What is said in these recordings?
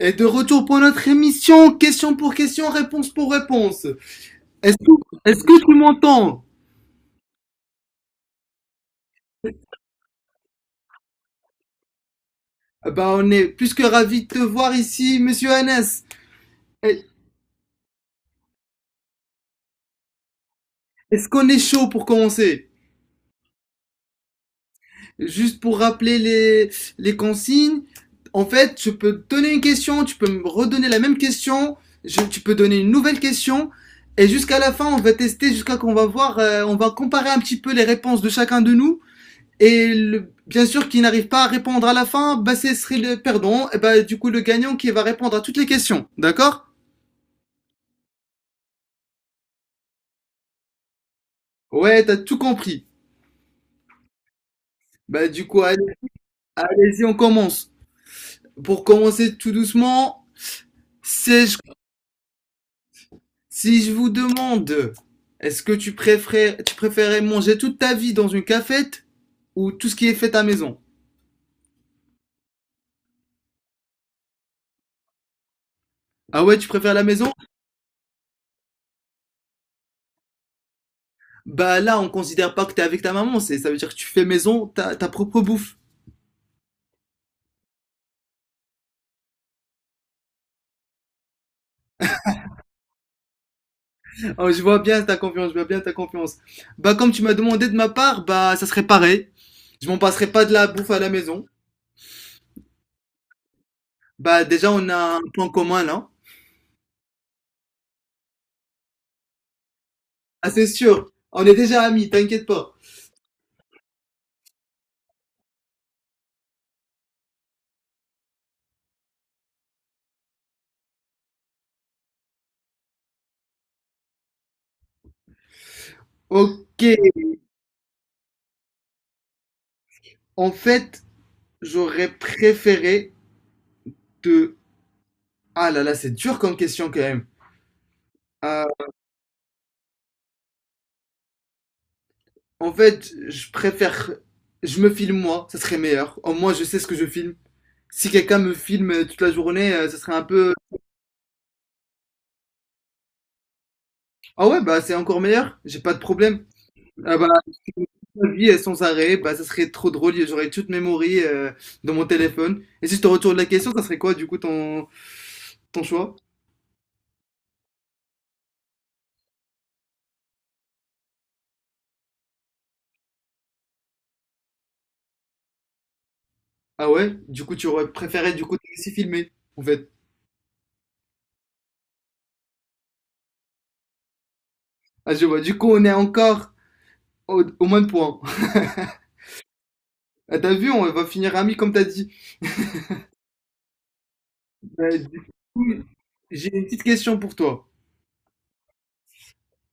Et de retour pour notre émission, question pour question, réponse pour réponse. Est-ce que, est-ce que tu m'entends? Bah on est plus que ravis de te voir ici, monsieur Hannes. Eh, Est-ce qu'on est chaud pour commencer? Juste pour rappeler les consignes, en fait, je peux te donner une question, tu peux me redonner la même question, tu peux donner une nouvelle question, et jusqu'à la fin, on va tester, jusqu'à qu'on va voir, on va comparer un petit peu les réponses de chacun de nous. Et le, bien sûr qui n'arrive pas à répondre à la fin, bah ce serait le perdant, et bah du coup le gagnant qui va répondre à toutes les questions, d'accord? Ouais, t'as tout compris. Bah du coup, allez, allez-y, on commence. Pour commencer tout doucement, si je, si je vous demande, est-ce que tu préférais manger toute ta vie dans une cafette ou tout ce qui est fait à maison? Ah ouais, tu préfères la maison? Bah là, on considère pas que t'es avec ta maman, c'est ça veut dire que tu fais maison, ta propre bouffe. Oh, je vois bien ta confiance, je vois bien ta confiance. Bah, comme tu m'as demandé de ma part, bah, ça serait pareil. Je m'en passerai pas de la bouffe à la maison. Bah, déjà, on a un point commun, là. Ah, c'est sûr. On est déjà amis, t'inquiète pas. Ok. En fait, j'aurais préféré te... Ah là là, c'est dur comme question, quand même. Euh, en fait, je préfère... Je me filme moi, ça serait meilleur. Au moins, je sais ce que je filme. Si quelqu'un me filme toute la journée, ça serait un peu... Ah ouais, bah, c'est encore meilleur. J'ai pas de problème. Ah bah, ma vie sans arrêt, bah, ça serait trop drôle. J'aurais toute memory dans mon téléphone. Et si je te retourne la question, ça serait quoi, du coup, ton choix? Ah ouais? Du coup, tu aurais préféré, du coup, te laisser filmer, en fait. Ah, je vois. Du coup, on est encore au, au moins de points. Ah, t'as vu, on va finir amis, comme t'as dit. Du coup, j'ai une petite question pour toi.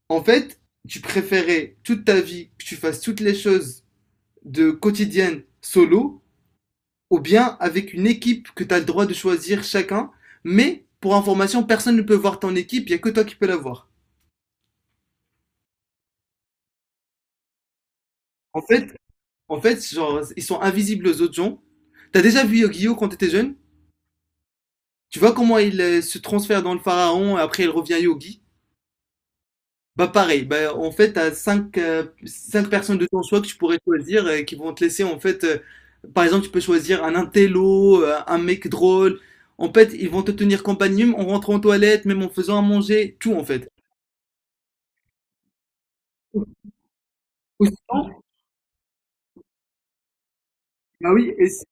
En fait, tu préférais toute ta vie que tu fasses toutes les choses de quotidienne solo ou bien avec une équipe que tu as le droit de choisir chacun, mais pour information, personne ne peut voir ton équipe, il n'y a que toi qui peux la voir. En fait, en fait, genre, ils sont invisibles aux autres gens. T'as déjà vu Yogi-Yo quand t'étais jeune? Tu vois comment il se transfère dans le pharaon et après il revient Yogi. Bah pareil, bah, en fait, t'as cinq personnes de ton choix que tu pourrais choisir et qui vont te laisser en fait... par exemple, tu peux choisir un intello, un mec drôle. En fait, ils vont te tenir compagnie même en rentrant en toilette, même en faisant à manger, tout en fait. Ou sinon. Ah oui, et c'est-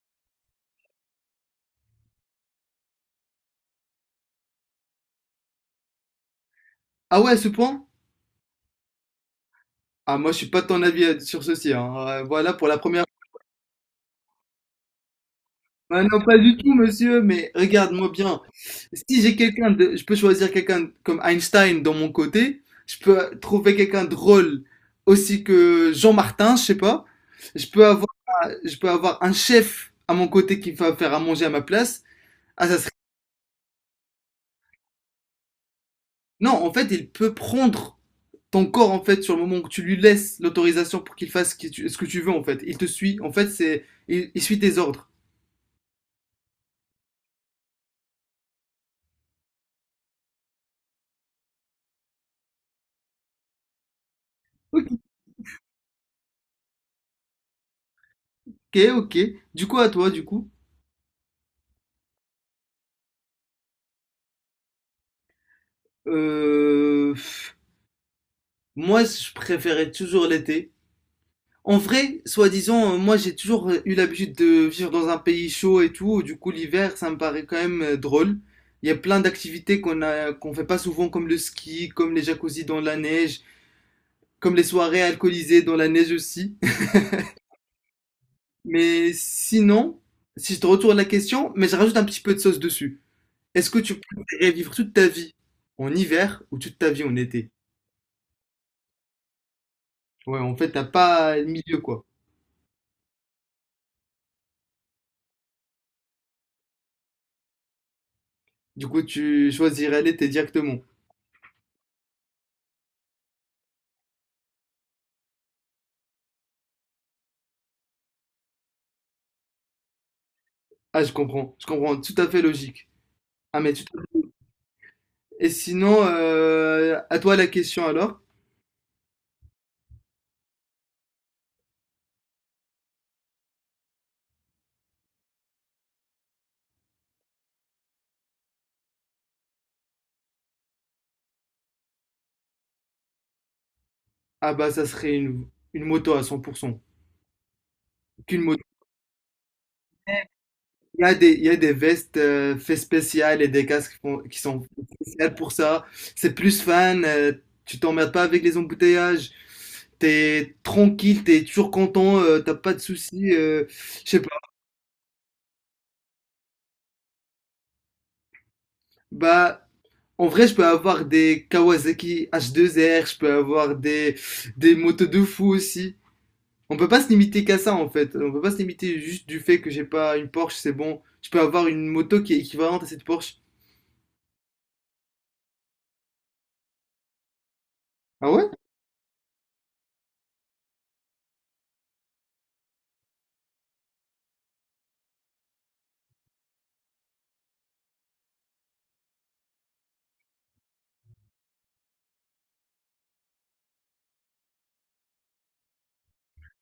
Ah ouais, à ce point? Ah, moi, je suis pas de ton avis sur ceci, hein. Voilà, pour la première. Ah non, pas du tout, monsieur, mais regarde-moi bien. Si j'ai quelqu'un de... Je peux choisir quelqu'un comme Einstein dans mon côté. Je peux trouver quelqu'un de drôle aussi que Jean Martin, je sais pas. Je peux avoir, je peux avoir un chef à mon côté qui va faire à manger à ma place. Ah, ça serait... Non, en fait, il peut prendre ton corps, en fait, sur le moment où tu lui laisses l'autorisation pour qu'il fasse ce que tu veux, en fait, il te suit. En fait, il suit tes ordres. Ok, ok. Du coup, à toi, du coup. Euh, pff, moi, je préférais toujours l'été. En vrai, soi-disant, moi, j'ai toujours eu l'habitude de vivre dans un pays chaud et tout. Du coup, l'hiver, ça me paraît quand même drôle. Il y a plein d'activités qu'on a, qu'on fait pas souvent, comme le ski, comme les jacuzzis dans la neige, comme les soirées alcoolisées dans la neige aussi. Mais sinon, si je te retourne la question, mais je rajoute un petit peu de sauce dessus. Est-ce que tu préférerais vivre toute ta vie en hiver ou toute ta vie en été? Ouais, en fait, t'as pas le milieu, quoi. Du coup, tu choisirais l'été directement. Ah, je comprends. Je comprends. Tout à fait logique. Ah, mais tout à fait- Et sinon, à toi la question alors? Ah bah, ça serait une moto à 100%. Qu'une moto. Il y a des vestes fait spéciales et des casques qui font- qui sont spéciales pour ça. C'est plus fan, tu t'emmerdes pas avec les embouteillages. T'es tranquille, t'es toujours content, t'as pas de soucis. Je sais pas. Bah, en vrai, je peux avoir des Kawasaki H2R, je peux avoir des motos de fou aussi. On peut pas se limiter qu'à ça en fait. On peut pas se limiter juste du fait que j'ai pas une Porsche, c'est bon. Je peux avoir une moto qui est équivalente à cette Porsche. Ah ouais?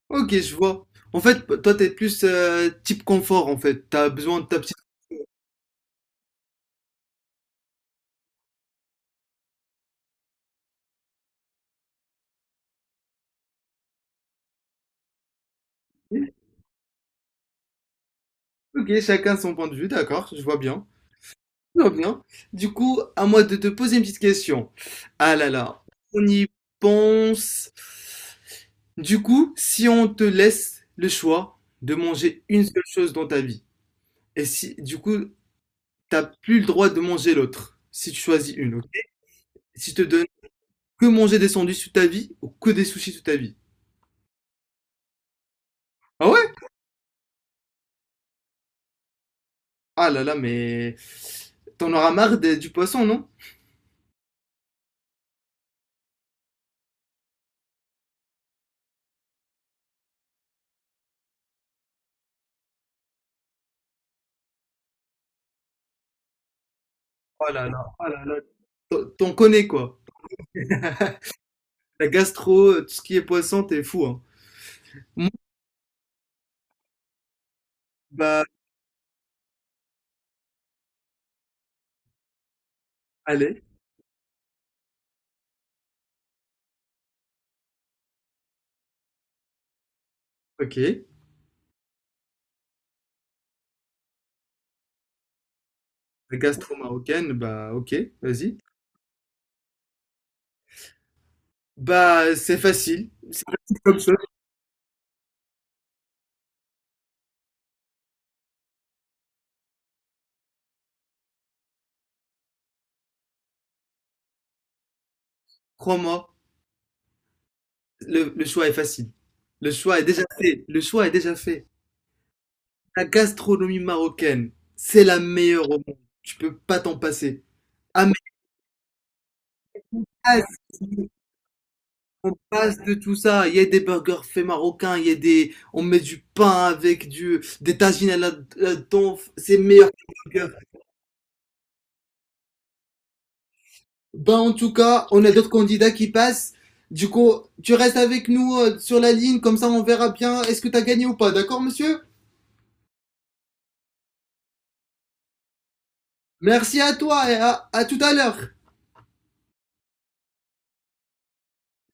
Ok, je vois. En fait, toi, t'es plus type confort, en fait. T'as besoin de ta petite... vie. Ok, chacun son point de vue, d'accord, je vois bien. Je vois bien. Du coup, à moi de te poser une petite question. Ah là là, on y pense. Du coup, si on te laisse le choix de manger une seule chose dans ta vie, et si, du coup, t'as plus le droit de manger l'autre, si tu choisis une, ok? Si je te donne que manger des sandwichs toute ta vie, ou que des sushis toute ta vie. Ah ouais? Ah là là, mais t'en auras marre du poisson, non? Oh là là, oh là là, t'en connais quoi. La gastro, tout ce qui est poisson, t'es fou, hein. Moi, bah, allez, ok. La gastro marocaine, bah, ok, vas-y. Bah, c'est facile. C'est facile comme ça. Crois-moi, le choix est facile. Le choix est déjà fait. Le choix est déjà fait. La gastronomie marocaine, c'est la meilleure au monde. Tu peux pas t'en passer. Ah, mais on passe de tout ça. Il y a des burgers faits marocains, il y a des, on met du pain avec des tagines à là-dedans. C'est meilleur que les burgers. Ben, en tout cas, on a d'autres candidats qui passent. Du coup, tu restes avec nous sur la ligne, comme ça on verra bien est-ce que t'as gagné ou pas. D'accord, monsieur? Merci à toi et à tout à l'heure.